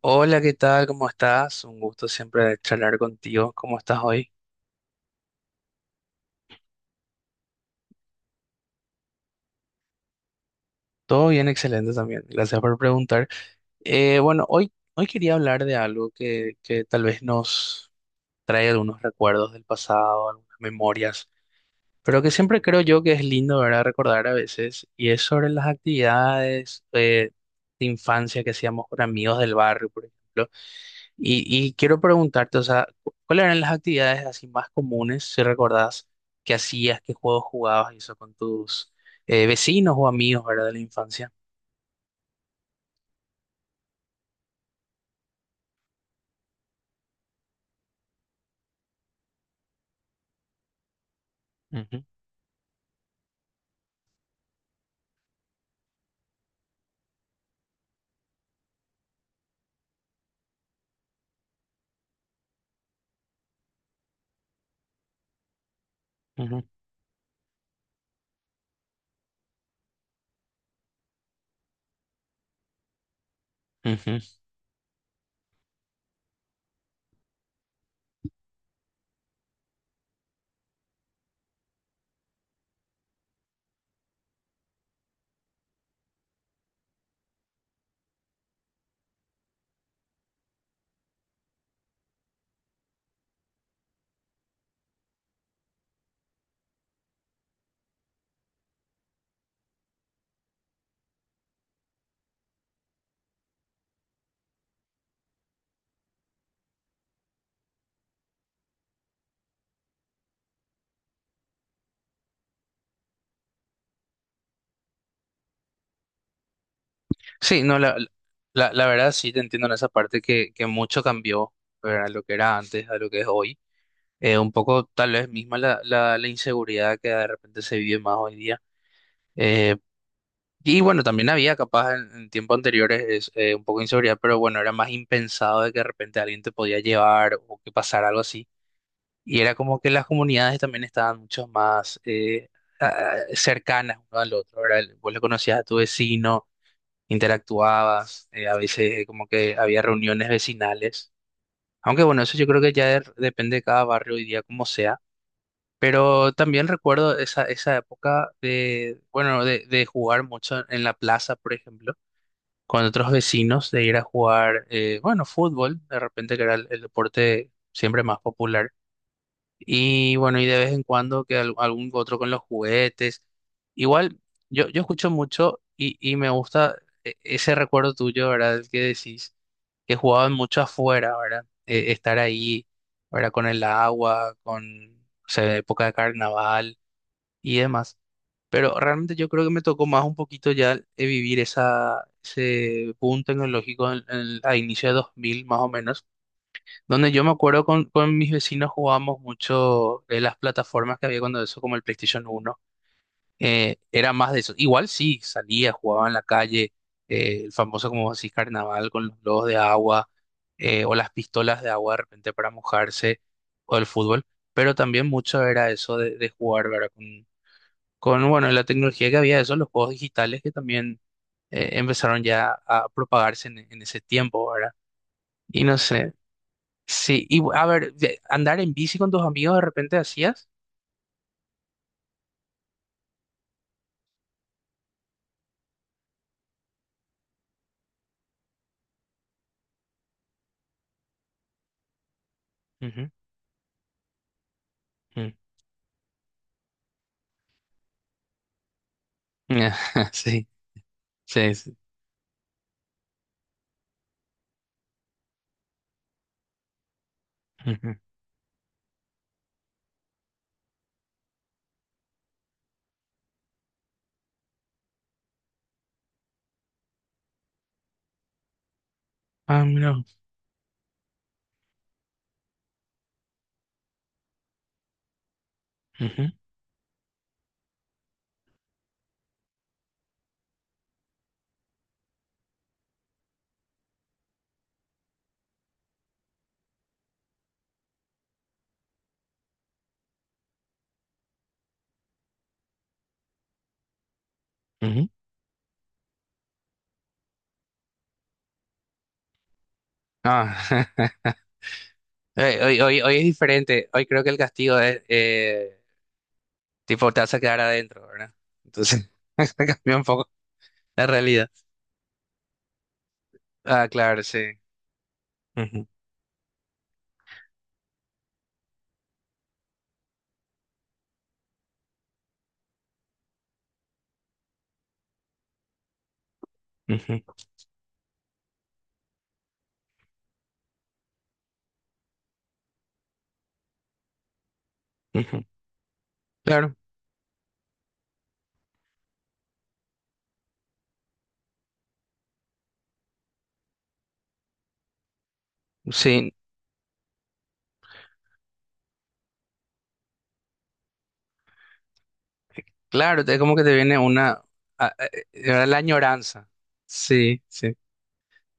Hola, ¿qué tal? ¿Cómo estás? Un gusto siempre charlar contigo. ¿Cómo estás hoy? Todo bien, excelente también. Gracias por preguntar. Bueno, hoy, hoy quería hablar de algo que tal vez nos trae algunos recuerdos del pasado, algunas memorias, pero que siempre creo yo que es lindo, ¿verdad? Recordar a veces, y es sobre las actividades de infancia que hacíamos con amigos del barrio, por ejemplo. Y quiero preguntarte, o sea, ¿cuáles eran las actividades así más comunes, si recordás, que hacías, qué juegos jugabas y eso con tus vecinos o amigos, ¿verdad? De la infancia. Ujú, ujú, ujú. Sí, no, la verdad sí te entiendo en esa parte que mucho cambió, ¿verdad? Lo que era antes a lo que es hoy. Un poco tal vez misma la, la, la inseguridad que de repente se vive más hoy día. Eh, Y bueno, también había capaz en tiempos anteriores es, un poco de inseguridad, pero bueno, era más impensado de que de repente alguien te podía llevar o que pasara algo así. Y era como que las comunidades también estaban mucho más cercanas uno al otro, ¿verdad? Vos le conocías a tu vecino, interactuabas, a veces como que había reuniones vecinales. Aunque bueno, eso yo creo que ya depende de cada barrio hoy día como sea. Pero también recuerdo esa, esa época de, bueno, de jugar mucho en la plaza, por ejemplo con otros vecinos de ir a jugar, bueno, fútbol, de repente que era el deporte siempre más popular. Y bueno, y de vez en cuando que algún otro con los juguetes. Igual, yo escucho mucho y me gusta ese recuerdo tuyo, ¿verdad? El que decís, que jugaban mucho afuera, ¿verdad? Estar ahí, ¿verdad? Con el agua, con, o sea, época de carnaval y demás. Pero realmente yo creo que me tocó más un poquito ya vivir esa, ese boom tecnológico a inicio de 2000 más o menos, donde yo me acuerdo con mis vecinos jugábamos mucho las plataformas que había cuando eso, como el PlayStation uno era más de eso. Igual sí, salía, jugaba en la calle, el famoso, como decís, carnaval con los globos de agua o las pistolas de agua de repente para mojarse o el fútbol, pero también mucho era eso de jugar, ¿verdad? Con bueno, la tecnología que había de eso, los juegos digitales que también empezaron ya a propagarse en ese tiempo, ¿verdad? Y no sé, sí, y a ver, andar en bici con tus amigos de repente hacías. Ujú, ujú. Sí, sí, sí. Ujú. Ah, mira. Ujú, ujú. Ah, hoy, hoy, hoy es diferente, hoy creo que el castigo es, tipo, te vas a quedar adentro, ¿verdad? Entonces, se cambió un poco la realidad. Ah, claro, sí. Ujú, ujú, ujú. Claro, sí. Claro, es como que te viene una, a- la añoranza. Sí, sí.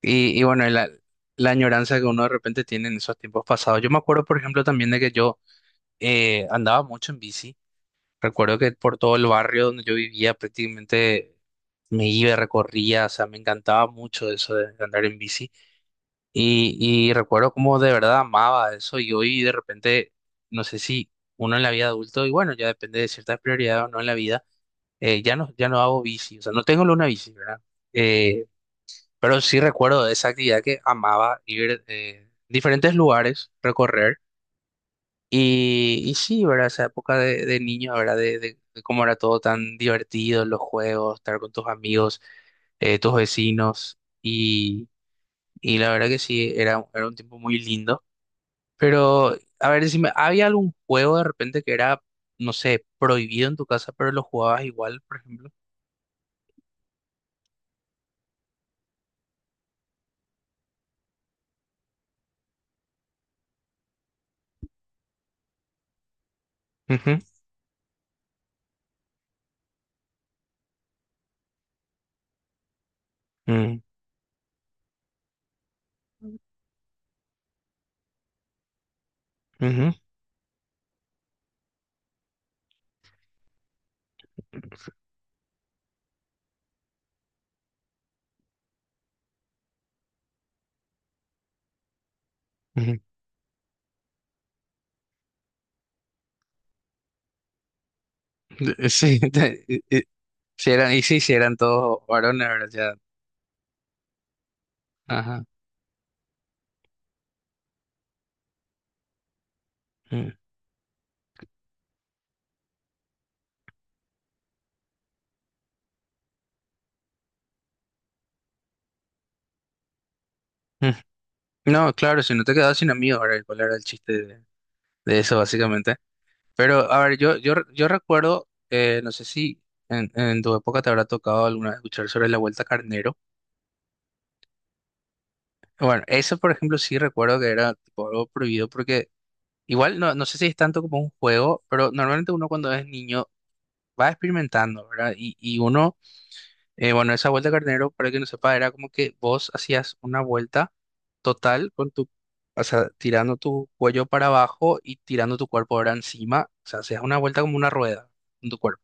Y bueno, y la añoranza que uno de repente tiene en esos tiempos pasados. Yo me acuerdo, por ejemplo, también de que yo andaba mucho en bici. Recuerdo que por todo el barrio donde yo vivía prácticamente me iba, recorría, o sea, me encantaba mucho eso de andar en bici. Y, y recuerdo como de verdad amaba eso y hoy de repente, no sé si uno en la vida adulto, y bueno, ya depende de ciertas prioridades o no en la vida ya no, ya no hago bici, o sea, no tengo una bici, ¿verdad? Eh, pero sí recuerdo de esa actividad que amaba ir diferentes lugares, recorrer. Y sí, ¿verdad? Esa época de niño, ¿verdad? De, de cómo era todo tan divertido, los juegos, estar con tus amigos, tus vecinos. Y la verdad que sí, era, era un tiempo muy lindo. Pero, a ver, decime, ¿había algún juego de repente que era, no sé, prohibido en tu casa, pero lo jugabas igual, por ejemplo? Ujú. Mm. Ujú, ujú. Sí, si eran, y sí, si eran todos varones, ¿verdad? Ya, ajá. Mm, mm. No, claro, si no te quedabas sin amigos, ¿verdad? ¿Cuál era el chiste de eso, básicamente? Pero, a ver, yo recuerdo, no sé si en, en tu época te habrá tocado alguna vez escuchar sobre la Vuelta a Carnero. Bueno, eso, por ejemplo, sí recuerdo que era tipo, algo prohibido porque igual no, no sé si es tanto como un juego, pero normalmente uno cuando es niño va experimentando, ¿verdad? Y uno bueno, esa vuelta carnero, para que no sepa, era como que vos hacías una vuelta total con tu, o sea, tirando tu cuello para abajo y tirando tu cuerpo ahora encima, o sea, hacías una vuelta como una rueda con tu cuerpo.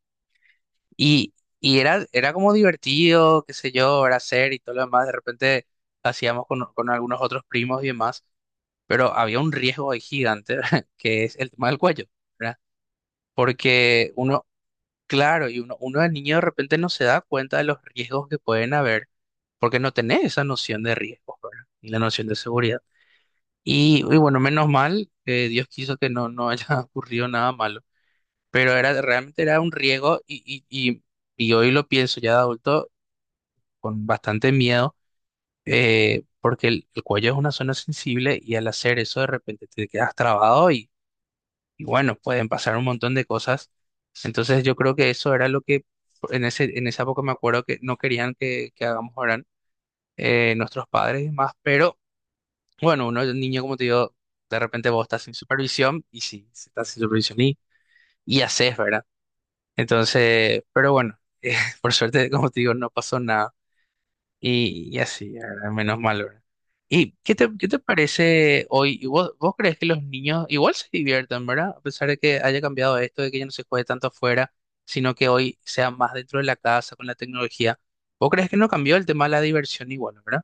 Y, y era, era como divertido, qué sé yo, era hacer y todo lo demás, de repente hacíamos con algunos otros primos y demás, pero había un riesgo ahí gigante, que es el tema del cuello, ¿verdad? Porque uno, claro, y uno, uno de niño de repente no se da cuenta de los riesgos que pueden haber, porque no tenés esa noción de riesgos, ¿verdad? Y la noción de seguridad. Y bueno, menos mal, Dios quiso que no, no haya ocurrido nada malo, pero era, realmente era un riesgo y hoy lo pienso ya de adulto con bastante miedo, porque el cuello es una zona sensible y al hacer eso de repente te quedas trabado y bueno, pueden pasar un montón de cosas. Entonces yo creo que eso era lo que en ese, en esa época me acuerdo que no querían que hagamos ahora nuestros padres y más, pero bueno, uno de niño como te digo, de repente vos estás sin supervisión y si sí si estás sin supervisión y haces, ¿verdad? Entonces, pero bueno, por suerte, como te digo, no pasó nada. Y así, ¿verdad? Menos mal, ¿verdad? ¿Y qué te parece hoy? ¿Y vos, vos crees que los niños igual se divierten, ¿verdad? A pesar de que haya cambiado esto, de que ya no se juegue tanto afuera, sino que hoy sea más dentro de la casa con la tecnología. ¿Vos crees que no cambió el tema de la diversión igual, ¿verdad?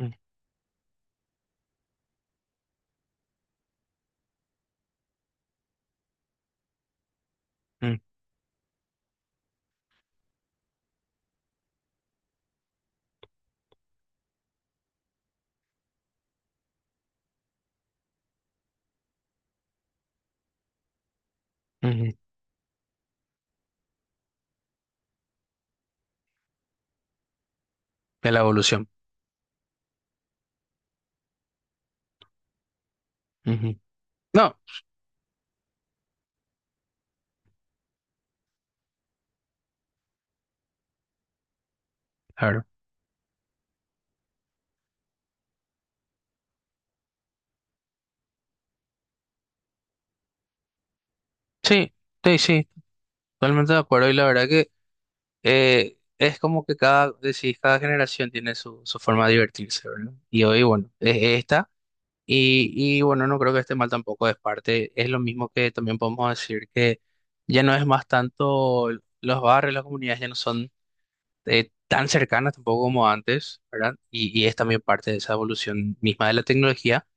Mm, mm, ujú. De la evolución. Ujú. No, claro. Sí, sí, sí, totalmente de acuerdo. Y la verdad que es como que cada, decís, cada generación tiene su, su forma de divertirse, ¿verdad? Y hoy, bueno, es esta. Y bueno, no creo que esté mal tampoco de parte. Es lo mismo que también podemos decir que ya no es más tanto los barrios, las comunidades ya no son tan cercanas tampoco como antes, ¿verdad? Y es también parte de esa evolución misma de la tecnología.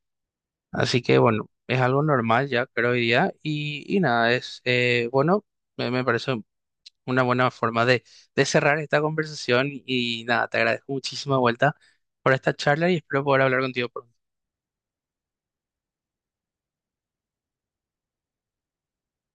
Así que bueno, es algo normal ya, creo hoy día. Y nada, es bueno, me parece una buena forma de cerrar esta conversación. Y nada, te agradezco muchísima vuelta por esta charla y espero poder hablar contigo pronto.